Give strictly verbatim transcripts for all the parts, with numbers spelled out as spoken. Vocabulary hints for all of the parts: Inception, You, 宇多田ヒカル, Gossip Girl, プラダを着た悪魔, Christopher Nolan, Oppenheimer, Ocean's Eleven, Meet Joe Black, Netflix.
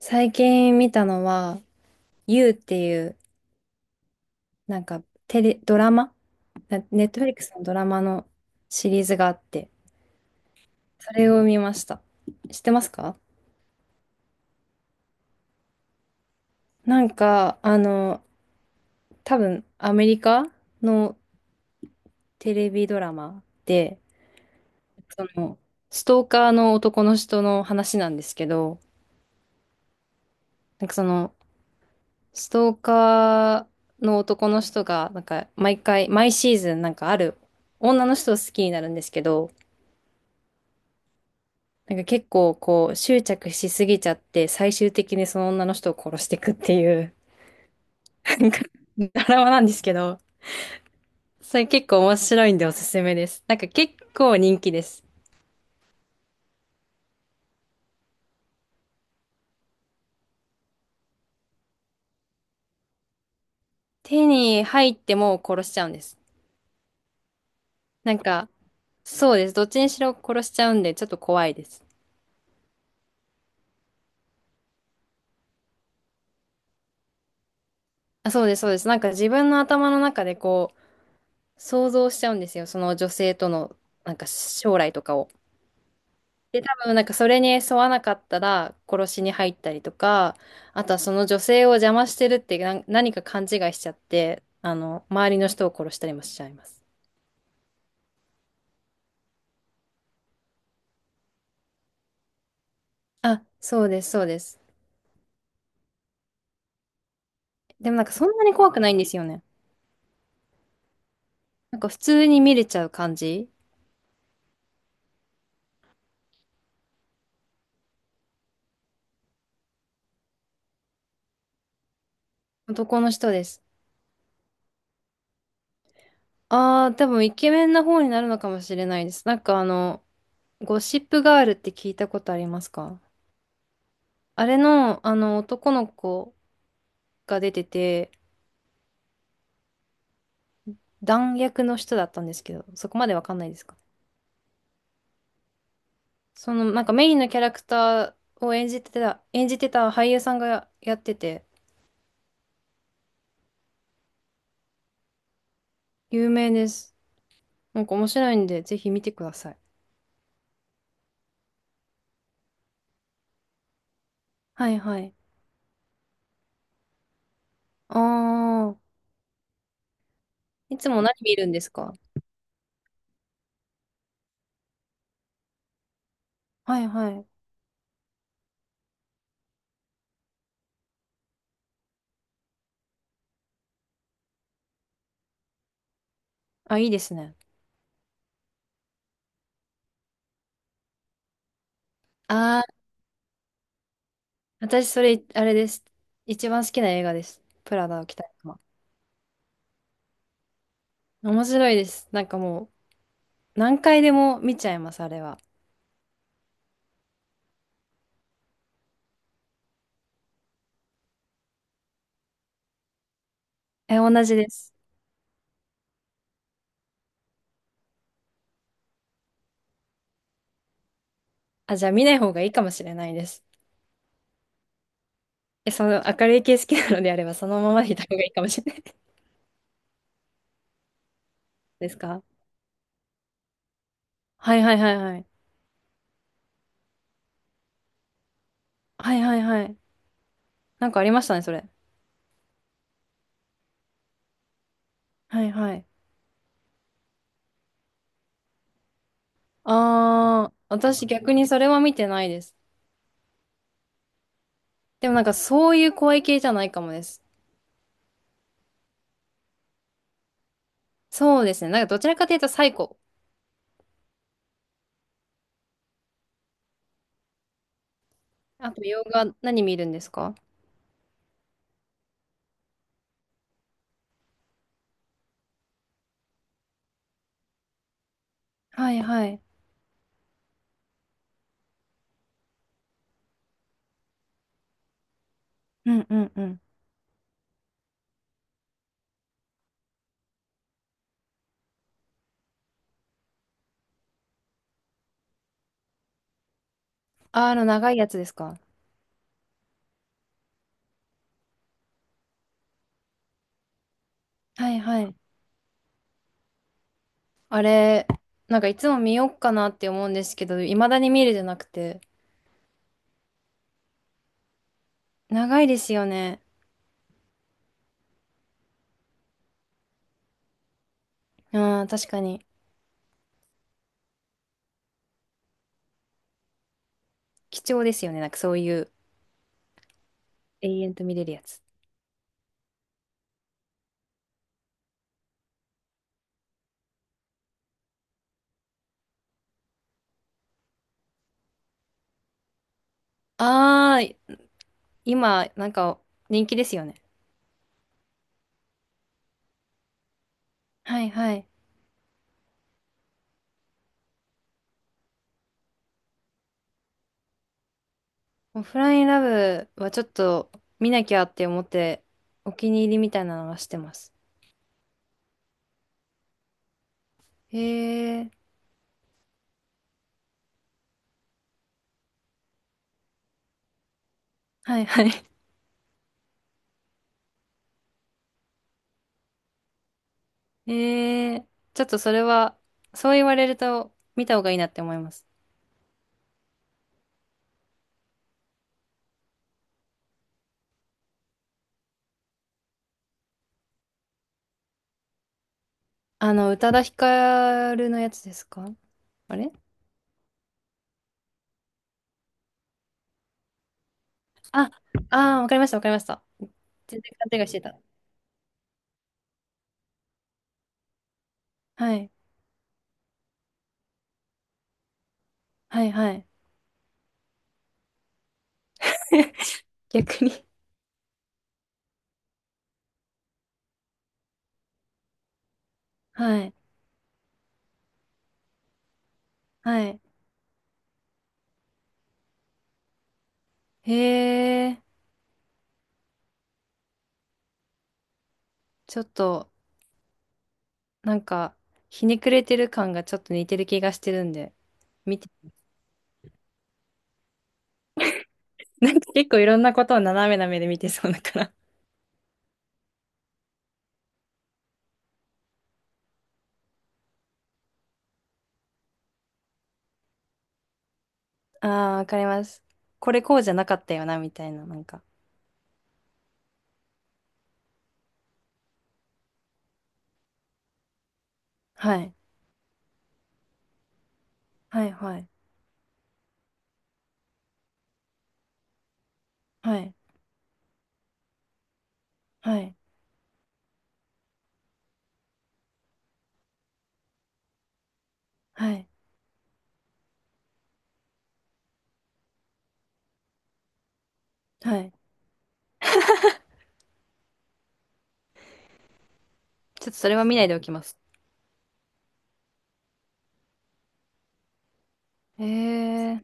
最近見たのは、You っていう、なんかテレ、ドラマなネットフリックスのドラマのシリーズがあって、それを見ました。知ってますか？なんか、あの、多分アメリカのテレビドラマで、その、ストーカーの男の人の話なんですけど、なんかその、ストーカーの男の人が、なんか毎回、毎シーズンなんかある女の人を好きになるんですけど、なんか結構こう執着しすぎちゃって最終的にその女の人を殺していくっていうなんかドラマなんですけど、それ結構面白いんでおすすめです。なんか結構人気です。手に入っても殺しちゃうんです。なんかそうです。どっちにしろ殺しちゃうんでちょっと怖いです。あ、そうです、そうです。なんか自分の頭の中でこう想像しちゃうんですよ。その女性とのなんか将来とかを。で、多分なんかそれに沿わなかったら殺しに入ったりとか、あとはその女性を邪魔してるってな何か勘違いしちゃって、あの、周りの人を殺したりもしちゃいます。あ、そうです、そうです。でもなんかそんなに怖くないんですよね。なんか普通に見れちゃう感じ。男の人です。ああ、多分イケメンな方になるのかもしれないです。なんかあの、ゴシップガールって聞いたことありますか？あれの、あの、男の子が出てて、弾薬の人だったんですけど、そこまでわかんないですか？その、なんかメインのキャラクターを演じてた、演じてた俳優さんがやってて、有名です。なんか面白いんで、ぜひ見てください。はいはい。ああ、いつも何見るんですか？はいはい。あ、いいですね。ああ、私それ、あれです。一番好きな映画です。プラダを着た悪魔。面白いです。なんかもう、何回でも見ちゃいます、あれは。え、同じです。あ、じゃあ見ない方がいいかもしれないです。え、その明るい系好きなのであれば、そのままでいた方がいいかもしれないですか？はいはいはいはい。はいはいはい。なんかありましたね、それ。はいはい。あー、私逆にそれは見てないです。でもなんかそういう怖い系じゃないかもです。そうですね。なんかどちらかというとサイコ。あと洋画何見るんですか？はいはい。うんうんうん。あー、あの長いやつですか？はいはい。あれ、なんかいつも見よっかなって思うんですけど、未だに見るじゃなくて。長いですよね。うん、確かに。貴重ですよね。なんかそういう永遠と見れるやつ。ああ、今、なんか人気ですよね。はいはい。オフラインラブはちょっと見なきゃって思って、お気に入りみたいなのはしてます。へえ、はいはい。へえ、ちょっとそれは、そう言われると見た方がいいなって思います。あの、宇多田ヒカルのやつですか？あれ、あ、ああー、わかりましたわかりました。全然勘違いしてた。はい、はいはい。逆に。はい。はい。へえ、ちょっと、なんか、ひねくれてる感がちょっと似てる気がしてるんで、見て。なんか結構いろんなことを斜めな目で見てそうだから。ああ、わかります。これこうじゃなかったよな、みたいな、なんか。はい。はい、はい、はい、はい、はい、はい。ちょっとそれは見ないでおきます。へえ、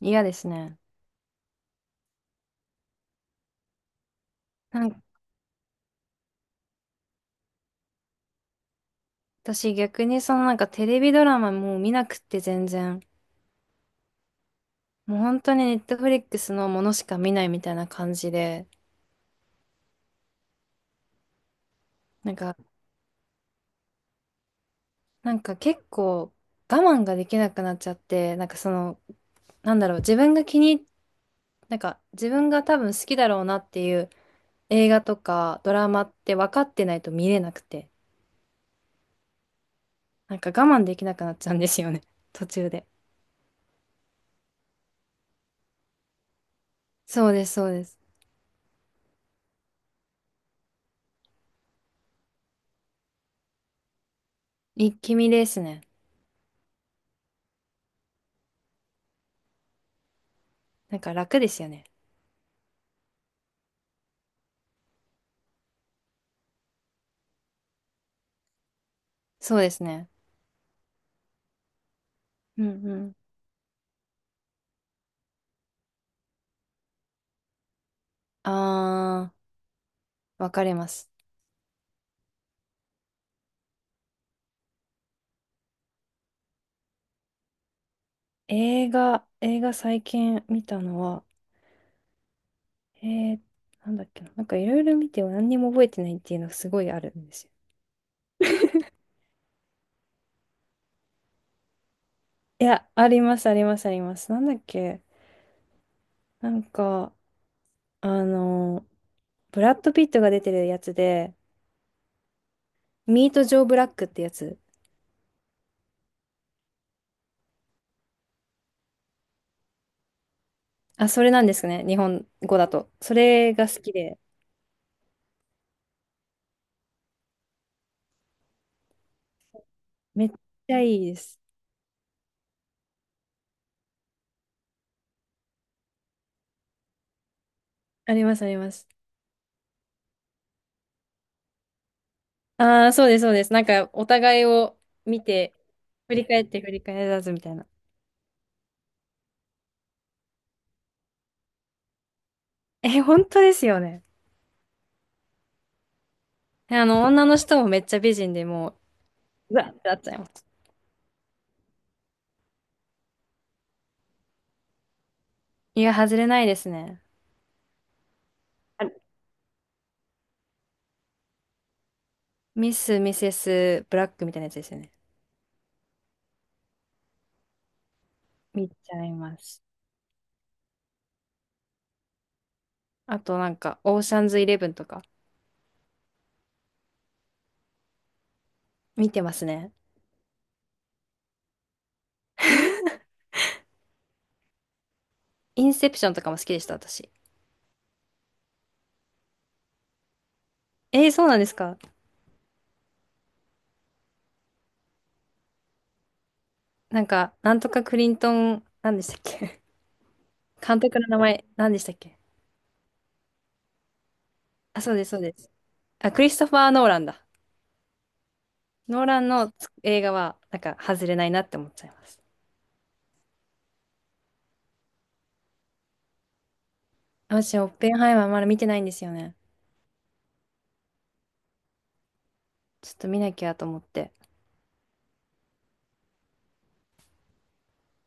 嫌ですね。なんか、私逆にそのなんかテレビドラマもう見なくって全然。もう本当にネットフリックスのものしか見ないみたいな感じで、なんかなんか結構我慢ができなくなっちゃって、なんかその、なんだろう、自分が気に、なんか自分が多分好きだろうなっていう映画とかドラマって分かってないと見れなくて、なんか我慢できなくなっちゃうんですよね。途中で。そうです、そうです。一気見ですね。なんか楽ですよね。そうですね。うんうん。あー、わかります。映画、映画最近見たのは、えー、なんだっけな。なんかいろいろ見ても何にも覚えてないっていうのがすごいあるんですよ。いや、あります、あります、あります。なんだっけ？なんか、あの、ブラッド・ピットが出てるやつで、ミート・ジョー・ブラックってやつ。あ、それなんですね。日本語だと。それが好きで、めっちゃいいです。あります、あります。ああ、そうです、そうです。なんか、お互いを見て、振り返って振り返らずみたいな。え、本当ですよね。あの、女の人もめっちゃ美人でもう、うわってなっちゃいます。いや、外れないですね。あ、ミス・ミセス・ブラックみたいなやつですよね。見ちゃいます。あとなんか、オーシャンズイレブンとか見てますね。インセプションとかも好きでした、私。えー、そうなんですか？なんか、なんとかクリントン、なんでしたっけ？ 監督の名前、なんでしたっけ？あ、そうです、そうです。あ、クリストファー・ノーランだ。ノーランの映画は、なんか、外れないなって思っちゃいます。私、オッペンハイマーまだ見てないんですよね。ちょっと見なきゃと思って。